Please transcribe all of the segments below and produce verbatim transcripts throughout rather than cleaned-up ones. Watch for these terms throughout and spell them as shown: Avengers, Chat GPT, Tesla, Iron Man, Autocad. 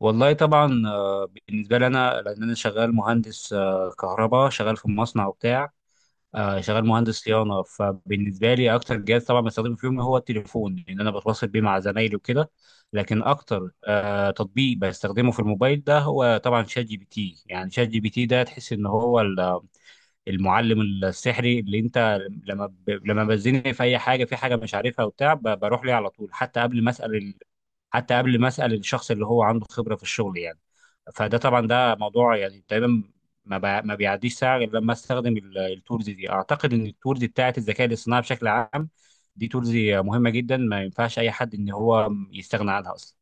والله طبعا آه، بالنسبه لي انا، لان انا شغال مهندس آه، كهرباء، شغال في مصنع وبتاع آه، شغال مهندس صيانه. فبالنسبه لي اكتر جهاز طبعا بستخدمه فيهم هو التليفون، لان انا بتواصل بيه مع زمايلي وكده. لكن اكتر آه، تطبيق بستخدمه في الموبايل ده هو طبعا شات جي بي تي. يعني شات جي بي تي ده تحس ان هو ال- المعلم السحري. اللي انت لما ب... لما بزني في اي حاجه، في حاجه مش عارفها وبتاع، ب... بروح ليه على طول، حتى قبل ما اسال، حتى قبل ما اسال الشخص اللي هو عنده خبره في الشغل يعني. فده طبعا، ده موضوع يعني تقريبا ما بع- ما بيعديش ساعه غير لما استخدم ال- التولز دي. اعتقد ان التولز بتاعت الذكاء الاصطناعي بشكل عام، دي تولز مهمه جدا، ما ينفعش اي حد ان هو يستغنى عنها اصلا.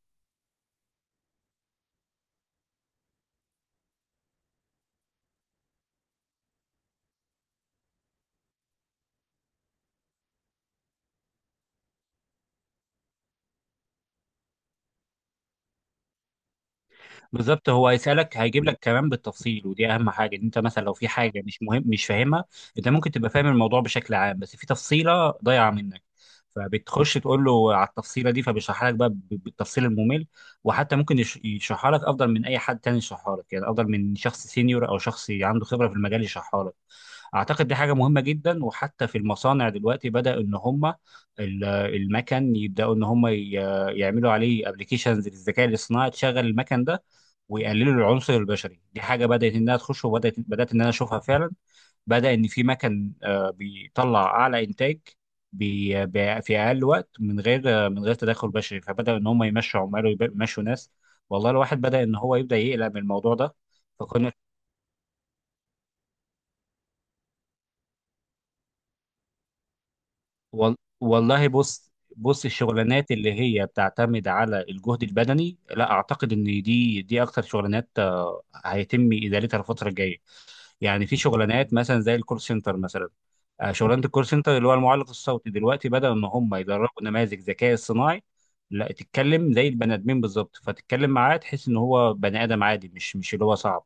بالظبط، هو هيسألك، هيجيب لك كمان بالتفصيل، ودي أهم حاجة. إن أنت مثلا لو في حاجة مش مهم، مش فاهمها، أنت ممكن تبقى فاهم الموضوع بشكل عام، بس في تفصيلة ضايعة منك، فبتخش تقول له على التفصيلة دي، فبيشرحها لك بقى ب- بالتفصيل الممل. وحتى ممكن يش- يشرحها لك أفضل من أي حد تاني يشرحها لك، يعني أفضل من شخص سينيور أو شخص عنده خبرة في المجال يشرحها لك. اعتقد دي حاجه مهمه جدا. وحتى في المصانع دلوقتي بدا ان هم ال- المكن يبداوا ان هم ي- يعملوا عليه ابلكيشنز للذكاء الاصطناعي تشغل المكن ده، ويقللوا العنصر البشري. دي حاجه بدات انها تخش، وبدات بدات ان انا اشوفها فعلا. بدأ إن في مكن آه، بيطلع أعلى إنتاج بي- بي- في أقل وقت، من غير آه، من غير تدخل بشري. فبدأ إن هم يمشوا عمال ويمشوا ناس. والله الواحد بدأ إن هو يبدأ يقلق من الموضوع ده. فكنا وال- والله بص. بص، الشغلانات اللي هي بتعتمد على الجهد البدني، لا اعتقد ان دي دي اكتر شغلانات آه، هيتم ادارتها الفتره الجايه. يعني في شغلانات مثلا زي الكول سنتر مثلا. آه، شغلانه الكول سنتر اللي هو المعلق الصوتي، دلوقتي بدل ان هم يدربوا نماذج ذكاء اصطناعي لا تتكلم زي البني ادمين بالظبط، فتتكلم معاه تحس ان هو بني ادم عادي مش مش اللي هو صعب.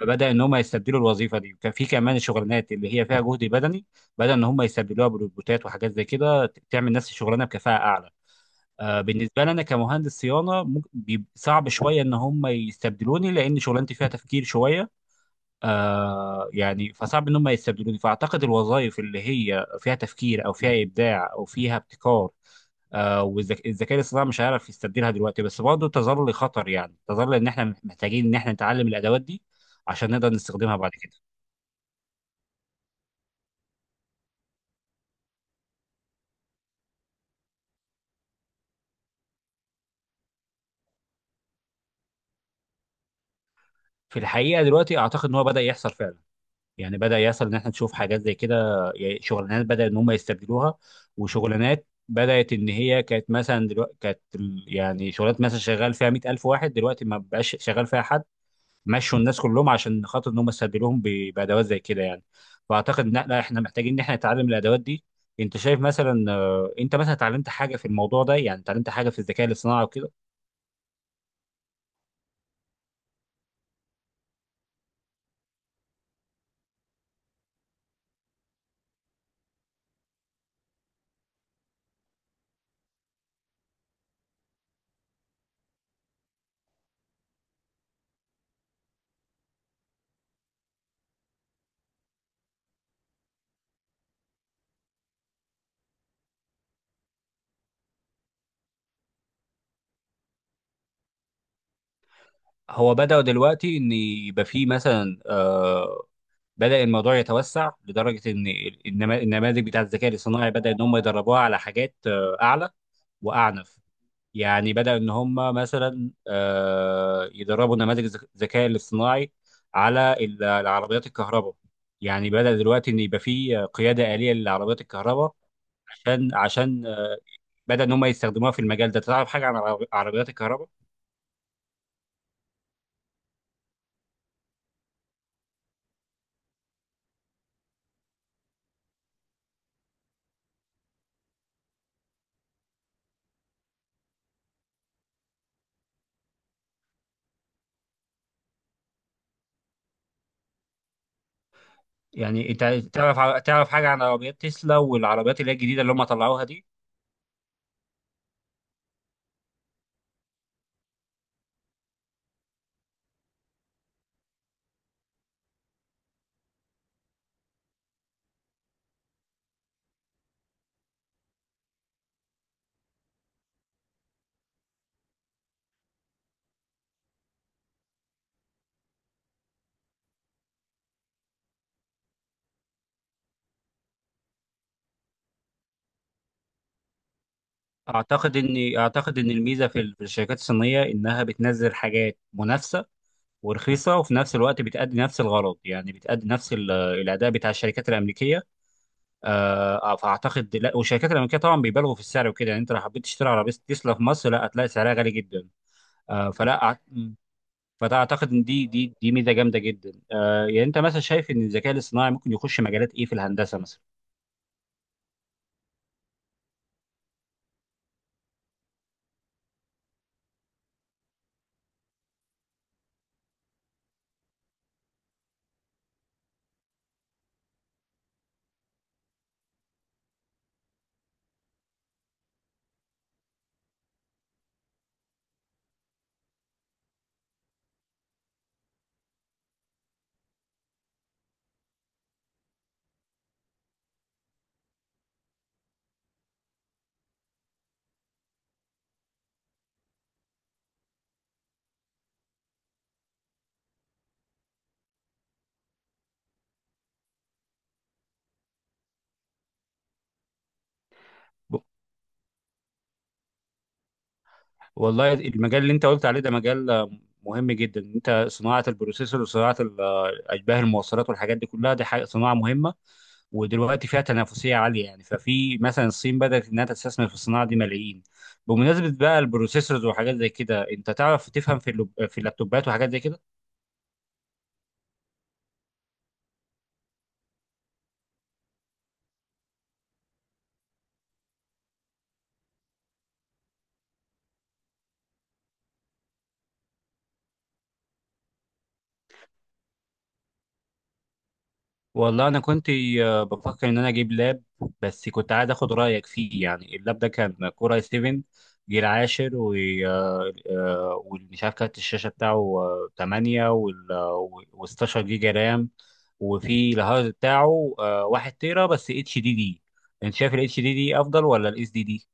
فبدا ان هم يستبدلوا الوظيفه دي. وكان في كمان الشغلانات اللي هي فيها جهد بدني، بدا ان هم يستبدلوها بروبوتات وحاجات زي كده ت- تعمل نفس الشغلانه بكفاءه اعلى. آه، بالنسبه لنا كمهندس صيانه، ممكن بيب- صعب شويه ان هم يستبدلوني، لان شغلانتي فيها تفكير شويه. آه يعني فصعب ان هم يستبدلوني. فاعتقد الوظائف اللي هي فيها تفكير او فيها ابداع او فيها ابتكار، آه، والذكاء الاصطناعي مش هيعرف يستبدلها دلوقتي. بس برضه تظل خطر، يعني تظل ان احنا محتاجين ان احنا نتعلم الادوات دي عشان نقدر نستخدمها بعد كده. في الحقيقه دلوقتي اعتقد ان هو بدا يحصل فعلا. يعني بدا يحصل ان احنا نشوف حاجات زي كده. يعني شغلانات بدا ان هم يستبدلوها، وشغلانات بدات ان هي كانت، مثلا دلوقتي كانت ال- يعني شغلانات مثلا شغال فيها ميت الف واحد، دلوقتي ما بقاش شغال فيها حد. مشوا الناس كلهم عشان خاطر ان هم يستبدلوهم ب- بادوات زي كده يعني. فاعتقد ان لا، احنا محتاجين ان احنا نتعلم الادوات دي. انت شايف مثلا، آه، انت مثلا اتعلمت حاجه في الموضوع ده؟ يعني اتعلمت حاجه في الذكاء الاصطناعي وكده؟ هو بدأوا دلوقتي ان يبقى في مثلا آه، بدأ الموضوع يتوسع لدرجة إن النما- النماذج بتاعة الذكاء الاصطناعي بدأ إن هم يدربوها على حاجات آه، أعلى وأعنف. يعني بدأ إن هم مثلا آه، يدربوا نماذج الذك- الذكاء الاصطناعي على ال- العربيات الكهرباء. يعني بدأ دلوقتي إن يبقى في قيادة آلية للعربيات الكهرباء. عشان عشان آه، بدأ إن هم يستخدموها في المجال ده. تعرف حاجة عن عرب- عربيات الكهرباء؟ يعني أنت تعرف تعرف حاجة عن عربيات تسلا والعربيات اللي هي الجديدة اللي هم طلعوها دي؟ اعتقد ان اعتقد ان الميزه في ال- في الشركات الصينيه انها بتنزل حاجات منافسه ورخيصه، وفي نفس الوقت بتأدي نفس الغرض، يعني بتأدي نفس ال- الاداء بتاع الشركات الامريكيه. آه فاعتقد لا، والشركات الامريكيه طبعا بيبالغوا في السعر وكده. يعني انت لو حبيت تشتري عربيه تسلا في مصر، لا، هتلاقي سعرها غالي جدا. آه فلا أع- م. فده اعتقد ان دي دي دي ميزه جامده جدا. آه يعني انت مثلا شايف ان الذكاء الاصطناعي ممكن يخش مجالات ايه في الهندسه مثلا؟ والله المجال اللي انت قلت عليه ده مجال مهم جدا. انت صناعه البروسيسور وصناعه ال- اشباه المواصلات والحاجات دي كلها، دي حاجه صناعه مهمه. ودلوقتي فيها تنافسيه عاليه، يعني ففي مثلا الصين بدات انها تستثمر في الصناعه دي ملايين. بمناسبه بقى البروسيسورز وحاجات زي كده، انت تعرف تفهم في اللب... في اللابتوبات وحاجات زي كده؟ والله انا كنت آه، بفكر ان انا اجيب لاب، بس كنت عايز اخد رايك فيه. يعني اللاب ده كان كورة اي سفن جيل عاشر، و آه، آه، ومش عارف كارت الشاشه بتاعه آه، تمنية، وال آه، و16 جيجا رام، وفي الهارد بتاعه آه، واحد تيرا بس اتش دي دي. انت شايف الاتش دي دي افضل ولا الاس دي دي؟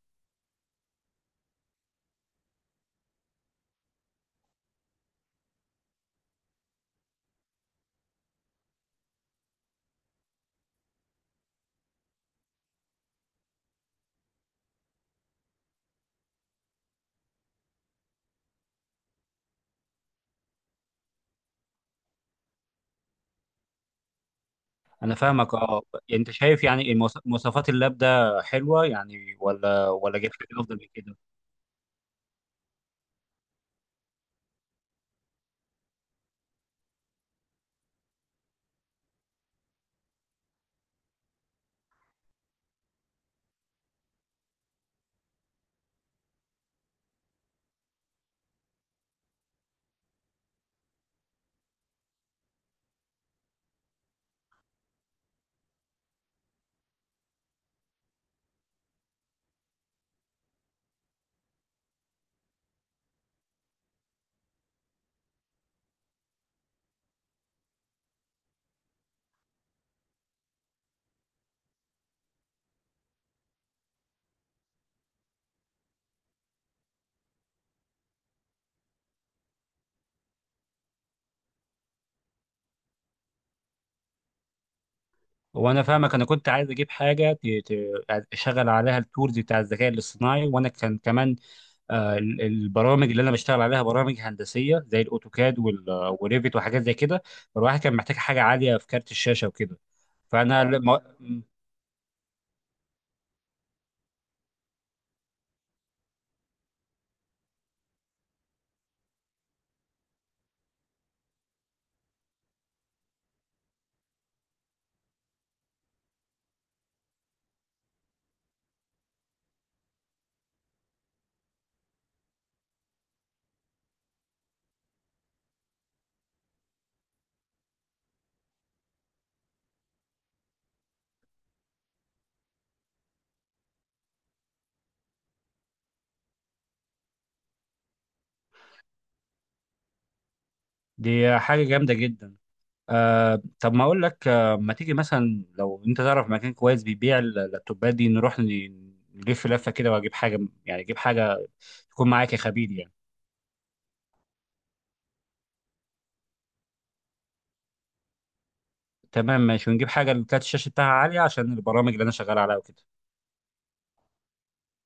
انا فاهمك اه. يعني انت شايف يعني المواص- مواصفات اللاب ده حلوه يعني؟ ولا ولا جبت حاجه افضل من كده؟ هو انا فاهمك. انا كنت عايز اجيب حاجه ت- ت- اشغل عليها التولز بتاع الذكاء الاصطناعي. وانا كان كمان آه، ال- البرامج اللي انا بشتغل عليها برامج هندسيه زي الاوتوكاد وال- آه، وريفيت وحاجات زي كده. فالواحد كان محتاج حاجه عاليه في كارت الشاشه وكده. فانا لما دي حاجه جامده جدا. آه طب ما اقول لك، آه ما تيجي مثلا لو انت تعرف مكان كويس بيبيع اللابتوبات دي، نروح ن- نلف لفه كده واجيب حاجه، يعني اجيب حاجه تكون معاك يا خبير يعني. تمام ماشي، ونجيب حاجه اللي كانت الشاشه بتاعها عاليه عشان البرامج اللي انا شغال عليها وكده.